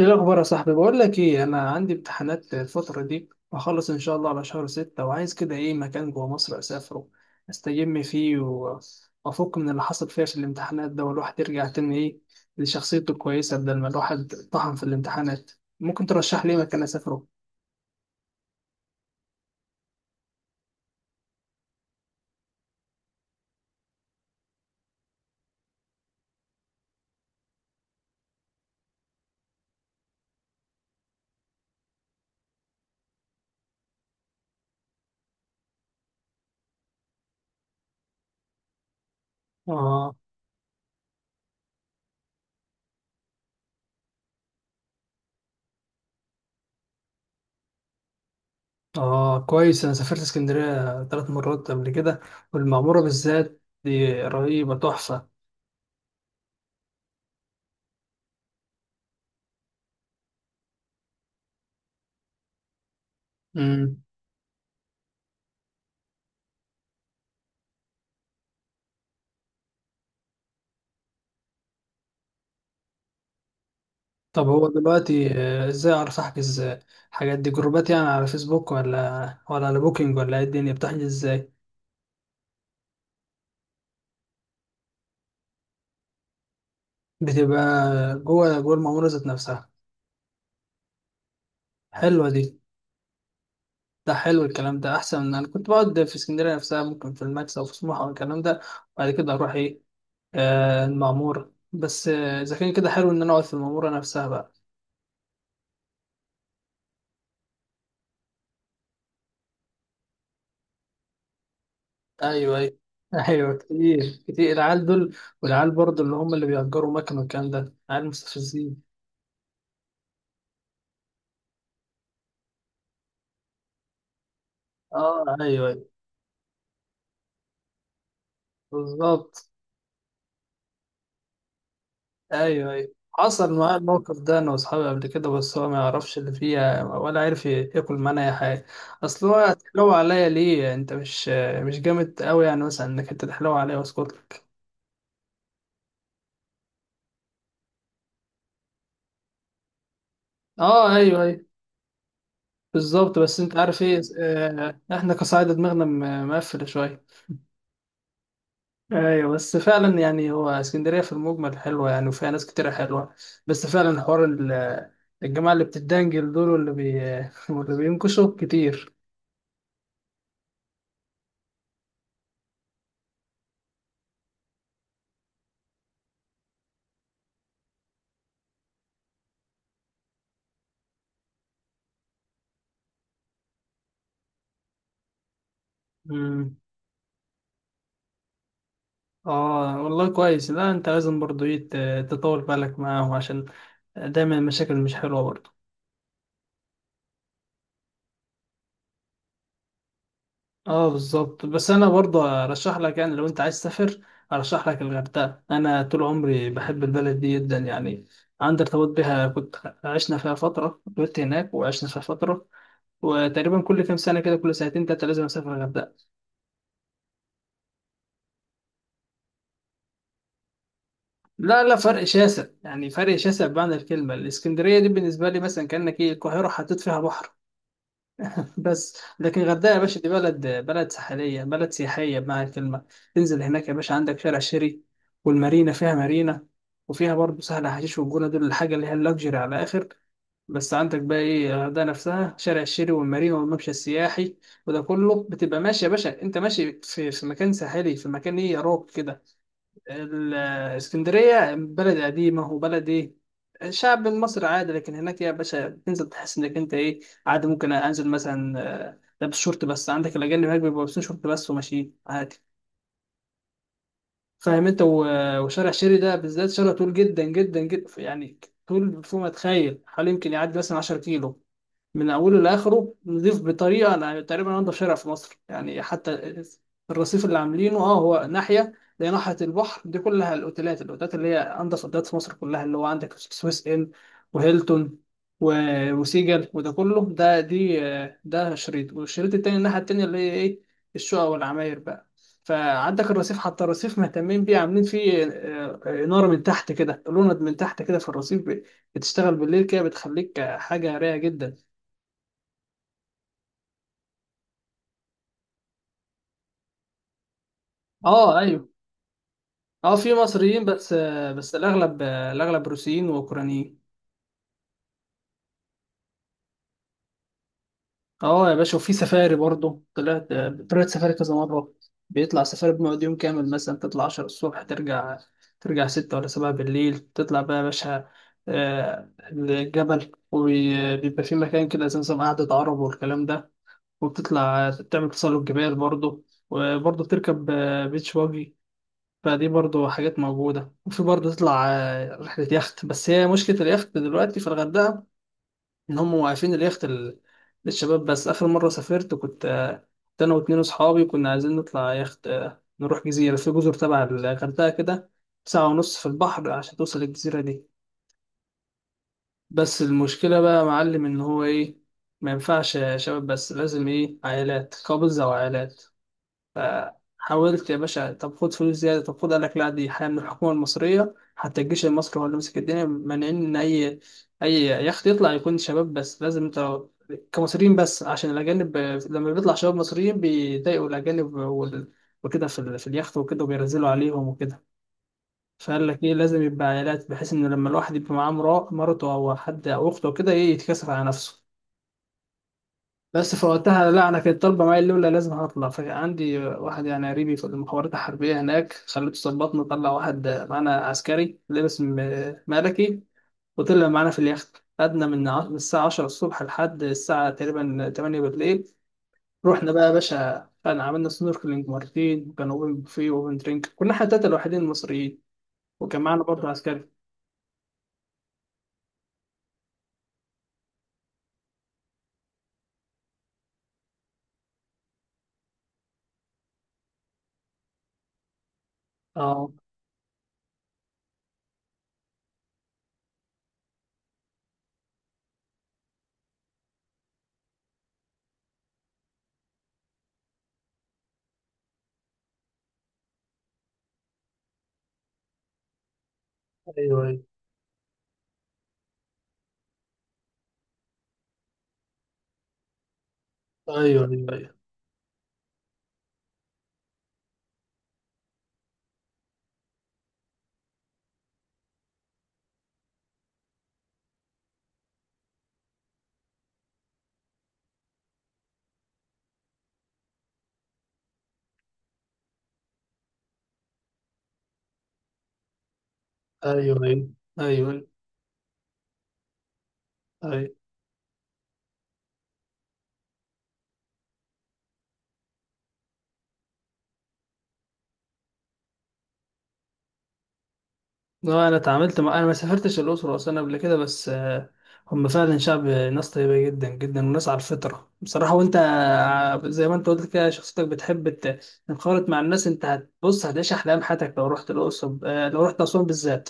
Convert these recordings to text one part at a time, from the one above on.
ايه الاخبار يا صاحبي؟ بقول لك ايه، انا عندي امتحانات الفتره دي وهخلص ان شاء الله على شهر ستة، وعايز كده ايه مكان جوه مصر اسافره استجم فيه وافك من اللي حصل فيها في الامتحانات ده، والواحد يرجع تاني ايه لشخصيته الكويسه بدل ما الواحد طحن في الامتحانات. ممكن ترشح لي إيه مكان اسافره؟ اه. اه كويس، انا سافرت اسكندريه 3 مرات قبل كده، والمعموره بالذات دي رهيبه تحفه. طب هو دلوقتي ازاي اعرف احجز الحاجات دي؟ جروبات يعني على فيسبوك ولا على بوكينج ولا ايه؟ الدنيا بتحجز ازاي؟ بتبقى جوه المعموره ذات نفسها؟ حلوه دي. ده حلو الكلام ده، احسن من انا كنت بقعد في اسكندريه نفسها، ممكن في الماكس او في سموحه او الكلام ده، وبعد كده اروح ايه. آه المعموره بس، اذا كان كده حلو ان انا اقعد في المعموره نفسها بقى. ايوه ايوه. ايوه كتير كتير العيال دول، والعيال برضه اللي هم اللي بيأجروا مكن والكلام ده عيال مستفزين. اه ايوه أيوة. بالظبط. ايوه ايوه، حصل معايا الموقف ده انا واصحابي قبل كده، بس هو ما يعرفش اللي فيها، ولا عارف ياكل معانا اي حاجه. اصل هو تحلو عليا ليه؟ انت مش جامد قوي يعني مثلا انك انت تحلو عليا، واسكت لك. اه ايوه ايوه بالظبط. بس انت عارف ايه احنا كصعيدة دماغنا مقفله شويه. ايوه بس فعلا يعني هو اسكندريه في المجمل حلوه يعني، وفيها ناس كتيره حلوه، بس فعلا حوار الجماعه اللي بتدنجل دول واللي بي واللي بينكشوا كتير. اه والله كويس. لا انت لازم برضو ايه تطول بالك معاهم، عشان دايما المشاكل مش حلوة برضو. اه بالظبط. بس انا برضو ارشح لك، يعني لو انت عايز تسافر ارشح لك الغردقة. انا طول عمري بحب البلد دي جدا يعني، عندي ارتباط بيها، كنت عشنا فيها فترة، كنت هناك وعشنا فيها فترة، وتقريبا كل كام سنة كده، كل سنتين تلاتة لازم اسافر الغردقة. لا لا، فرق شاسع يعني، فرق شاسع بمعنى الكلمة. الاسكندرية دي بالنسبة لي مثلا كأنك ايه القاهرة حطيت فيها بحر، بس لكن الغردقه يا باشا دي بلد ساحليه بلد سياحيه بمعنى الكلمه. تنزل هناك يا باشا، عندك شارع شيري والمارينا، فيها مارينا، وفيها برضه سهل حشيش والجونه، دول الحاجه اللي هي اللاكجري على اخر. بس عندك بقى ايه الغردقه نفسها، شارع الشيري والمارينا والممشى السياحي، وده كله بتبقى ماشي يا باشا، انت ماشي في، في مكان ساحلي في مكان ايه يا روك كده. الاسكندرية بلد قديمة وبلد إيه الشعب المصري عادي، لكن هناك يا باشا بتنزل تحس إنك أنت إيه عادي، ممكن أنزل مثلا لابس شورت بس، عندك الأجانب هناك بيبقوا لابسين شورت بس وماشيين عادي. فاهم أنت وشارع شيري ده بالذات شارع طول جدا جدا جدا يعني، طول فوق ما تخيل، حوالي يمكن يعدي مثلا 10 كيلو من اوله لاخره، نضيف بطريقه انا تقريبا انا شارع في مصر يعني. حتى الرصيف اللي عاملينه اه هو ناحيه زي ناحيه البحر دي كلها الاوتيلات، الاوتيلات اللي هي انضف اوتيلات في مصر كلها، اللي هو عندك سويس ان وهيلتون وسيجل وده كله، ده دي ده شريط، والشريط التاني الناحيه التانيه اللي هي ايه الشقق والعماير بقى. فعندك الرصيف، حتى الرصيف مهتمين بيه، عاملين فيه إنارة من تحت كده، لوند من تحت كده في الرصيف، بتشتغل بالليل كده، بتخليك حاجة رايقة جدا. اه ايوه. اه في مصريين بس، بس الاغلب الاغلب روسيين واوكرانيين. اه يا باشا. وفي سفاري برضه، طلعت طلعت سفاري كذا مره. بيطلع سفاري بنقعد يوم كامل، مثلا تطلع 10 الصبح، ترجع 6 ولا 7 بالليل، تطلع بقى يا باشا الجبل، وبيبقى في مكان كده زي نظام قعدة عرب والكلام ده، وبتطلع تعمل تسلق جبال برضه، وبرضه بتركب بيتش باجي. فدي برضو حاجات موجودة، وفي برضو تطلع رحلة يخت، بس هي مشكلة اليخت دلوقتي في الغردقة إن هم واقفين اليخت للشباب بس. آخر مرة سافرت كنت كنت أنا واتنين أصحابي كنا عايزين نطلع يخت، نروح جزيرة في جزر تبع الغردقة كده، ساعة ونص في البحر عشان توصل للجزيرة دي. بس المشكلة بقى يا معلم إن هو إيه ما ينفعش شباب بس، لازم إيه عائلات، كابلز أو عائلات. فحاولت يا باشا، طب خد فلوس زيادة، طب خد. قال لك لا، دي حاجة من الحكومة المصرية، حتى الجيش المصري هو اللي ماسك الدنيا، مانعين إن أي يخت يطلع يكون شباب بس، لازم أنت كمصريين بس، عشان الأجانب لما بيطلع شباب مصريين بيضايقوا الأجانب وكده في، في اليخت وكده، وبينزلوا عليهم وكده. فقال لك إيه لازم يبقى عائلات، بحيث إن لما الواحد يبقى معاه مرته أو حد أو أخته وكده إيه يتكسف على نفسه. بس فوقتها لا انا كانت طالبه معايا الاولى لازم هطلع، فعندي واحد يعني قريبي في المخابرات الحربيه هناك، خليته ظبطنا، طلع واحد معانا عسكري لابس ملكي، وطلع معانا في اليخت. قعدنا من من الساعه 10 الصبح لحد الساعه تقريبا 8 بالليل. رحنا بقى يا باشا، كان عملنا سنوركلينج مرتين، وكان اوبن بوفيه واوبن درينك، كنا احنا التلاته الوحيدين المصريين، وكان معانا برضه عسكري. اه ايوه ايوه ايوه ايوه ايوه ايوه، أيوة. اه انا اتعاملت مع، انا ما سافرتش الاقصر واسوان قبل كده، بس هم فعلا شعب ناس طيبه جدا جدا وناس على الفطره بصراحه، وانت زي ما انت قلت كده شخصيتك بتحب تنخرط مع الناس. انت هتبص هتعيش احلام حياتك لو رحت الاقصر، لو رحت اسوان بالذات،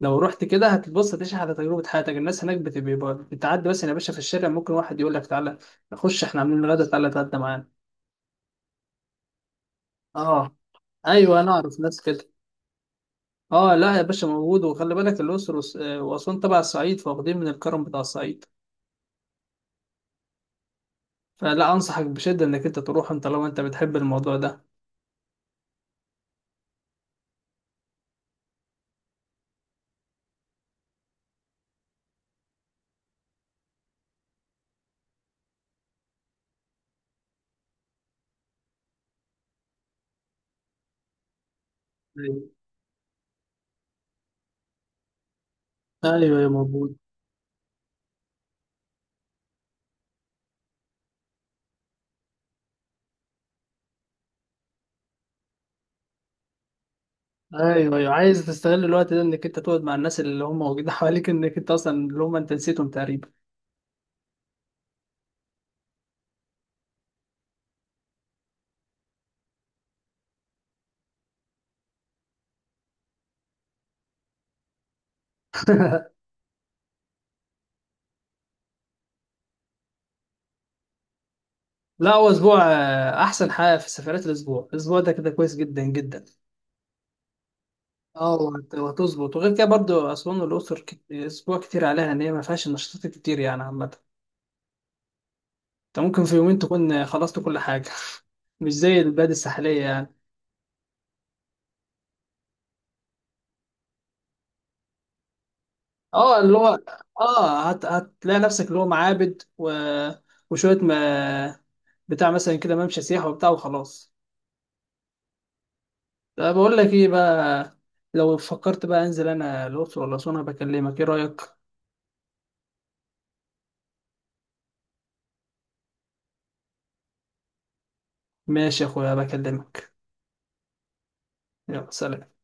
لو رحت كده هتبص هتعيش على تجربه حياتك. الناس هناك بتبقى بتعدي مثلا يا باشا في الشارع، ممكن واحد يقول لك تعالى نخش احنا عاملين غدا تعالى اتغدى معانا. اه ايوه انا اعرف ناس كده. اه لا يا باشا موجود. وخلي بالك الأقصر وأسوان تبع الصعيد، فواخدين من الكرم بتاع الصعيد، فلا أنصحك بشدة إنك أنت تروح، أنت لو أنت بتحب الموضوع ده. ايوه ايوه يا موجود. ايوه ايوه، عايز تستغل الوقت ده انك انت تقعد مع الناس اللي هم موجودين حواليك، انك انت اصلا اللي هم انت نسيتهم تقريبا. لا هو اسبوع احسن حاجه في سفرات، الاسبوع الاسبوع ده كده كويس جدا جدا. اه وهتظبط، وغير كده برضو اسوان والاقصر اسبوع كتير عليها، ان هي ما فيهاش نشاطات كتير يعني عامه، انت ممكن في يومين تكون خلصت كل حاجة. مش زي البلاد الساحلية يعني. اه اللي هو، اه هت... هتلاقي نفسك اللي هو معابد و... وشوية ما بتاع مثلا كده ممشى سياحة وبتاع وخلاص. طب بقول لك ايه بقى، لو فكرت بقى انزل انا الأقصر ولا أسوان أنا بكلمك، ايه رأيك؟ ماشي يا اخويا بكلمك. يلا سلام.